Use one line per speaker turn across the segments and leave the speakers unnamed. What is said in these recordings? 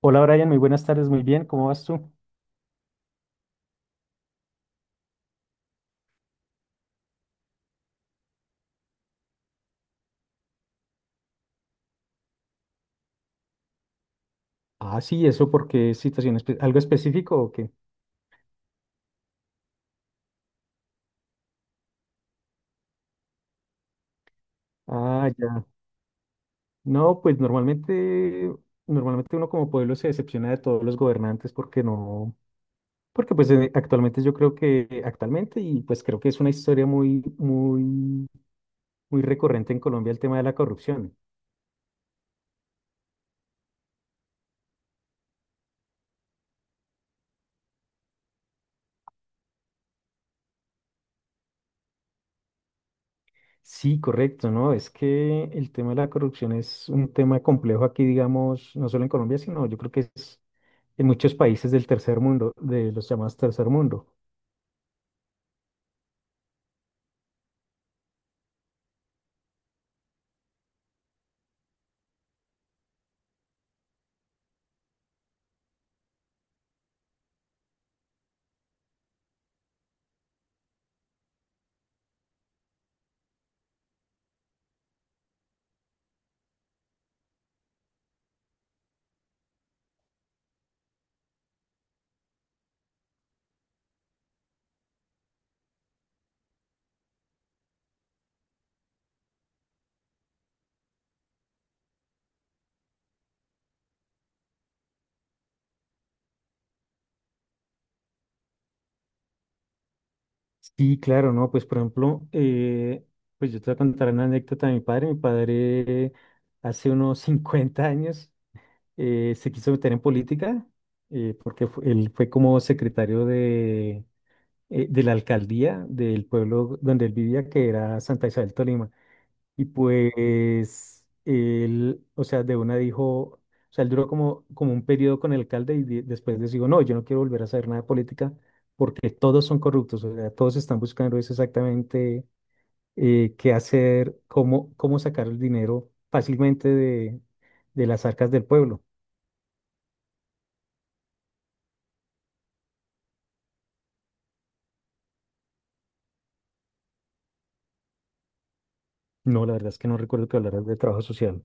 Hola Brian, muy buenas tardes, muy bien, ¿cómo vas tú? Ah, sí, ¿eso porque es situación algo específico o qué? Ah, ya. No, pues normalmente uno como pueblo se decepciona de todos los gobernantes porque no, porque pues actualmente yo creo que actualmente y pues creo que es una historia muy, muy, muy recurrente en Colombia el tema de la corrupción. Sí, correcto, ¿no? Es que el tema de la corrupción es un tema complejo aquí, digamos, no solo en Colombia, sino yo creo que es en muchos países del tercer mundo, de los llamados tercer mundo. Sí, claro, ¿no? Pues por ejemplo, pues yo te voy a contar una anécdota de mi padre. Mi padre hace unos 50 años se quiso meter en política porque él fue como secretario de la alcaldía del pueblo donde él vivía, que era Santa Isabel, Tolima. Y pues él, o sea, de una dijo, o sea, él duró como un periodo con el alcalde y después decidió, no, yo no quiero volver a saber nada de política porque todos son corruptos, o sea, todos están buscando es exactamente qué hacer, cómo sacar el dinero fácilmente de las arcas del pueblo. No, la verdad es que no recuerdo que hablaras de trabajo social.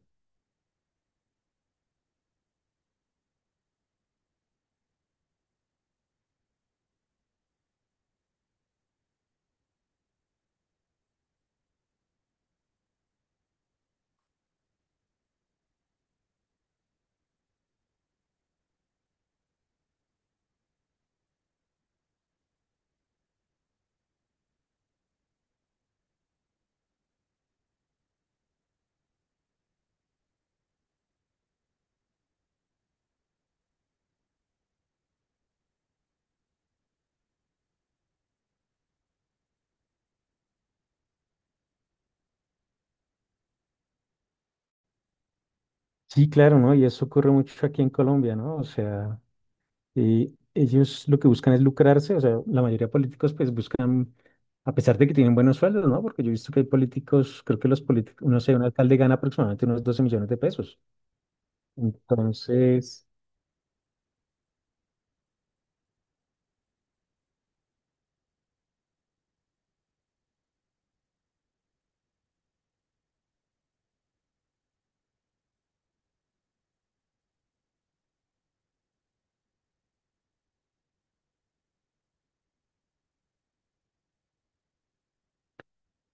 Sí, claro, ¿no? Y eso ocurre mucho aquí en Colombia, ¿no? O sea, ellos lo que buscan es lucrarse, o sea, la mayoría de políticos pues buscan. A pesar de que tienen buenos sueldos, ¿no? Porque yo he visto que hay políticos, creo que los políticos, no sé, un alcalde gana aproximadamente unos 12 millones de pesos. Entonces,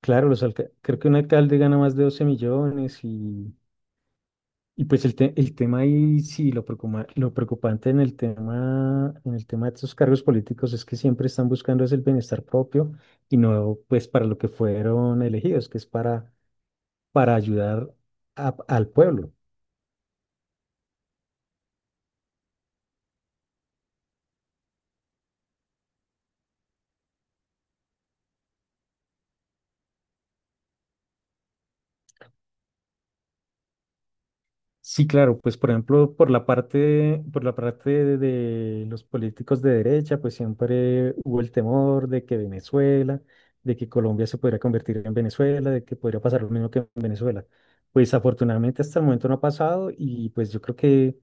claro, creo que un alcalde gana más de 12 millones y pues el tema ahí, sí, lo preocupante en el tema, de estos cargos políticos es que siempre están buscando es el bienestar propio y no pues para lo que fueron elegidos, que es para ayudar al pueblo. Sí, claro, pues por ejemplo, por la parte de los políticos de derecha, pues siempre hubo el temor de que Venezuela, de que Colombia se podría convertir en Venezuela, de que podría pasar lo mismo que en Venezuela. Pues afortunadamente hasta el momento no ha pasado y pues yo creo que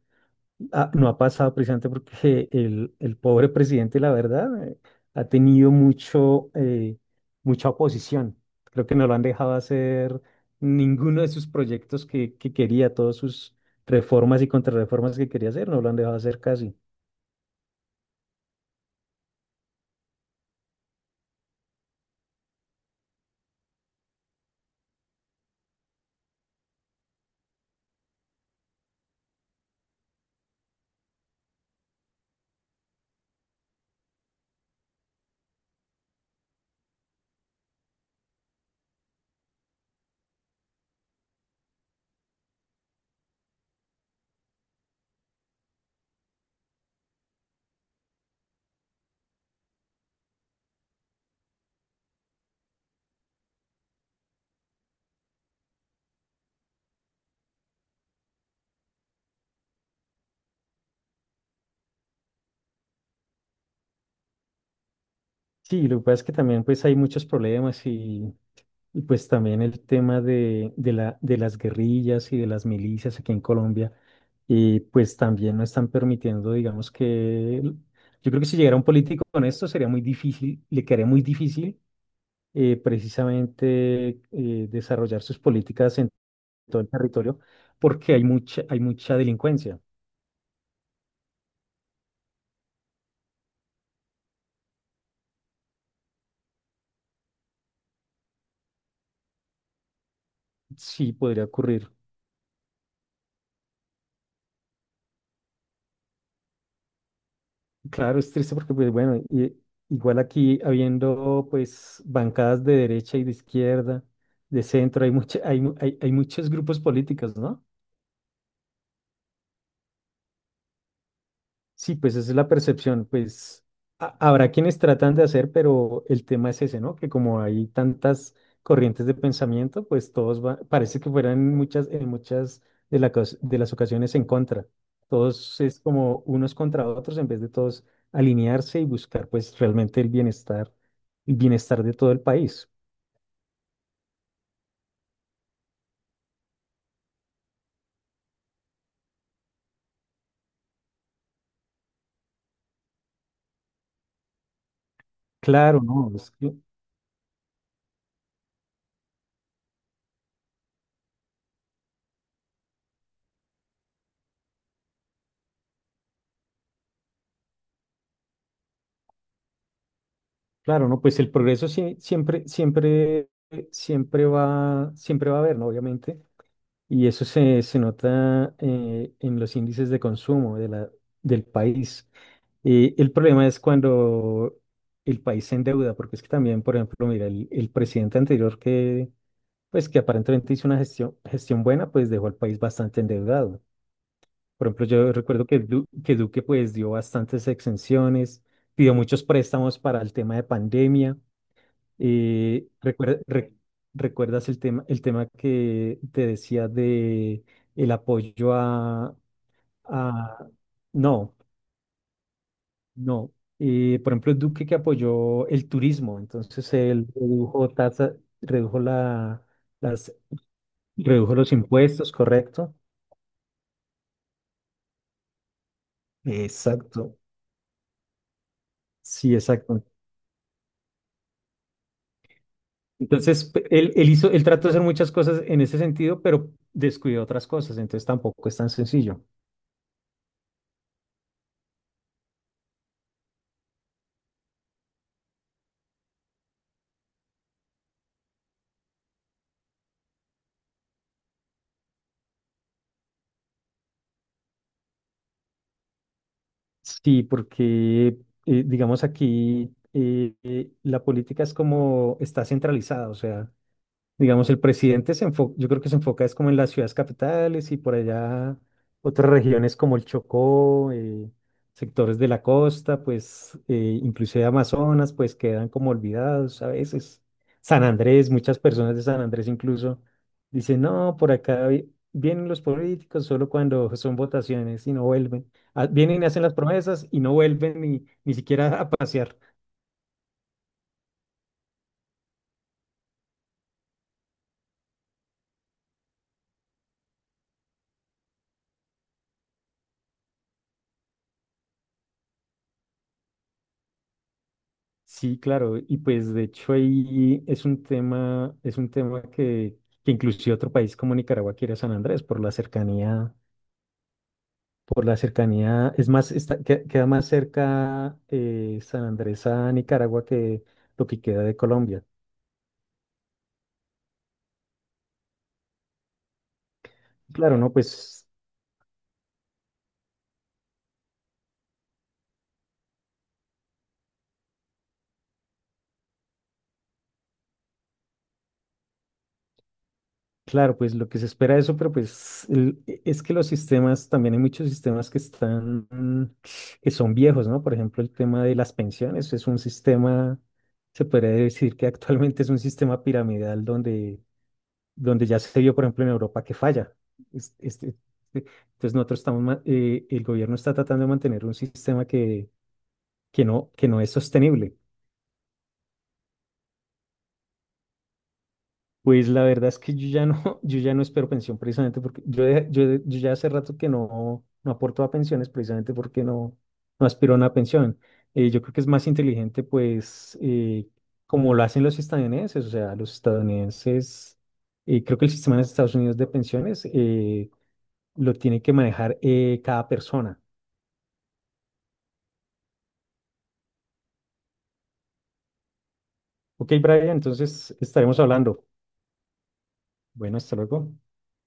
no ha pasado precisamente porque el pobre presidente, la verdad, ha tenido mucha oposición. Creo que no lo han dejado hacer ninguno de sus proyectos que quería, todas sus reformas y contrarreformas que quería hacer, no lo han dejado hacer casi. Sí, lo que pasa es que también pues hay muchos problemas y pues también el tema de las guerrillas y de las milicias aquí en Colombia y pues también no están permitiendo, digamos que yo creo que si llegara un político con esto sería muy difícil, le quedaría muy difícil precisamente desarrollar sus políticas en todo el territorio porque hay mucha delincuencia. Sí, podría ocurrir. Claro, es triste porque, pues bueno, igual aquí habiendo pues bancadas de derecha y de izquierda, de centro, hay, mucha- hay, mu- hay muchos grupos políticos, ¿no? Sí, pues esa es la percepción, pues habrá quienes tratan de hacer, pero el tema es ese, ¿no? Que como hay tantas corrientes de pensamiento, pues parece que fueran en muchas de las ocasiones en contra. Todos es como unos contra otros en vez de todos alinearse y buscar pues realmente el bienestar de todo el país. Claro, no, claro, no, pues el progreso siempre, siempre, siempre va a haber, ¿no? Obviamente. Y eso se nota en los índices de consumo del país. El problema es cuando el país se endeuda, porque es que también, por ejemplo, mira, el presidente anterior que aparentemente hizo una gestión, gestión buena, pues dejó al país bastante endeudado. Por ejemplo, yo recuerdo que Duque pues dio bastantes exenciones, pidió muchos préstamos para el tema de pandemia. Eh, recuer- re- ¿recuerdas el tema, que te decía de el apoyo a- No, no. Por ejemplo, Duque que apoyó el turismo, entonces él redujo tasa, redujo la, las, redujo los impuestos, ¿correcto? Exacto, sí, exacto. Entonces, él trató de hacer muchas cosas en ese sentido, pero descuidó otras cosas, entonces tampoco es tan sencillo. Sí, porque digamos aquí la política es como está centralizada, o sea, digamos, el presidente se enfoca, yo creo que se enfoca es como en las ciudades capitales y por allá otras regiones como el Chocó, sectores de la costa, pues inclusive Amazonas, pues quedan como olvidados a veces. San Andrés, muchas personas de San Andrés incluso dicen, no, por acá vienen los políticos solo cuando son votaciones y no vuelven. Ah, vienen y hacen las promesas y no vuelven ni siquiera a pasear. Sí, claro, y pues de hecho ahí es un tema que inclusive otro país como Nicaragua quiere a San Andrés por la cercanía, es más, queda más cerca San Andrés a Nicaragua que lo que queda de Colombia. Claro, no, pues. Claro, pues lo que se espera de eso, pero pues es que los sistemas, también hay muchos sistemas que son viejos, ¿no? Por ejemplo, el tema de las pensiones es un sistema, se podría decir que actualmente es un sistema piramidal donde ya se vio, por ejemplo, en Europa que falla. Es- Este, e- entonces nosotros el gobierno está tratando de mantener un sistema que no es sostenible. Pues la verdad es que yo ya no, yo ya no espero pensión precisamente porque yo ya hace rato que no aporto a pensiones precisamente porque no aspiro a una pensión. Yo creo que es más inteligente pues como lo hacen los estadounidenses, o sea, los estadounidenses, creo que el sistema de Estados Unidos de pensiones lo tiene que manejar cada persona. Ok, Brian, entonces estaremos hablando. Bueno, hasta luego.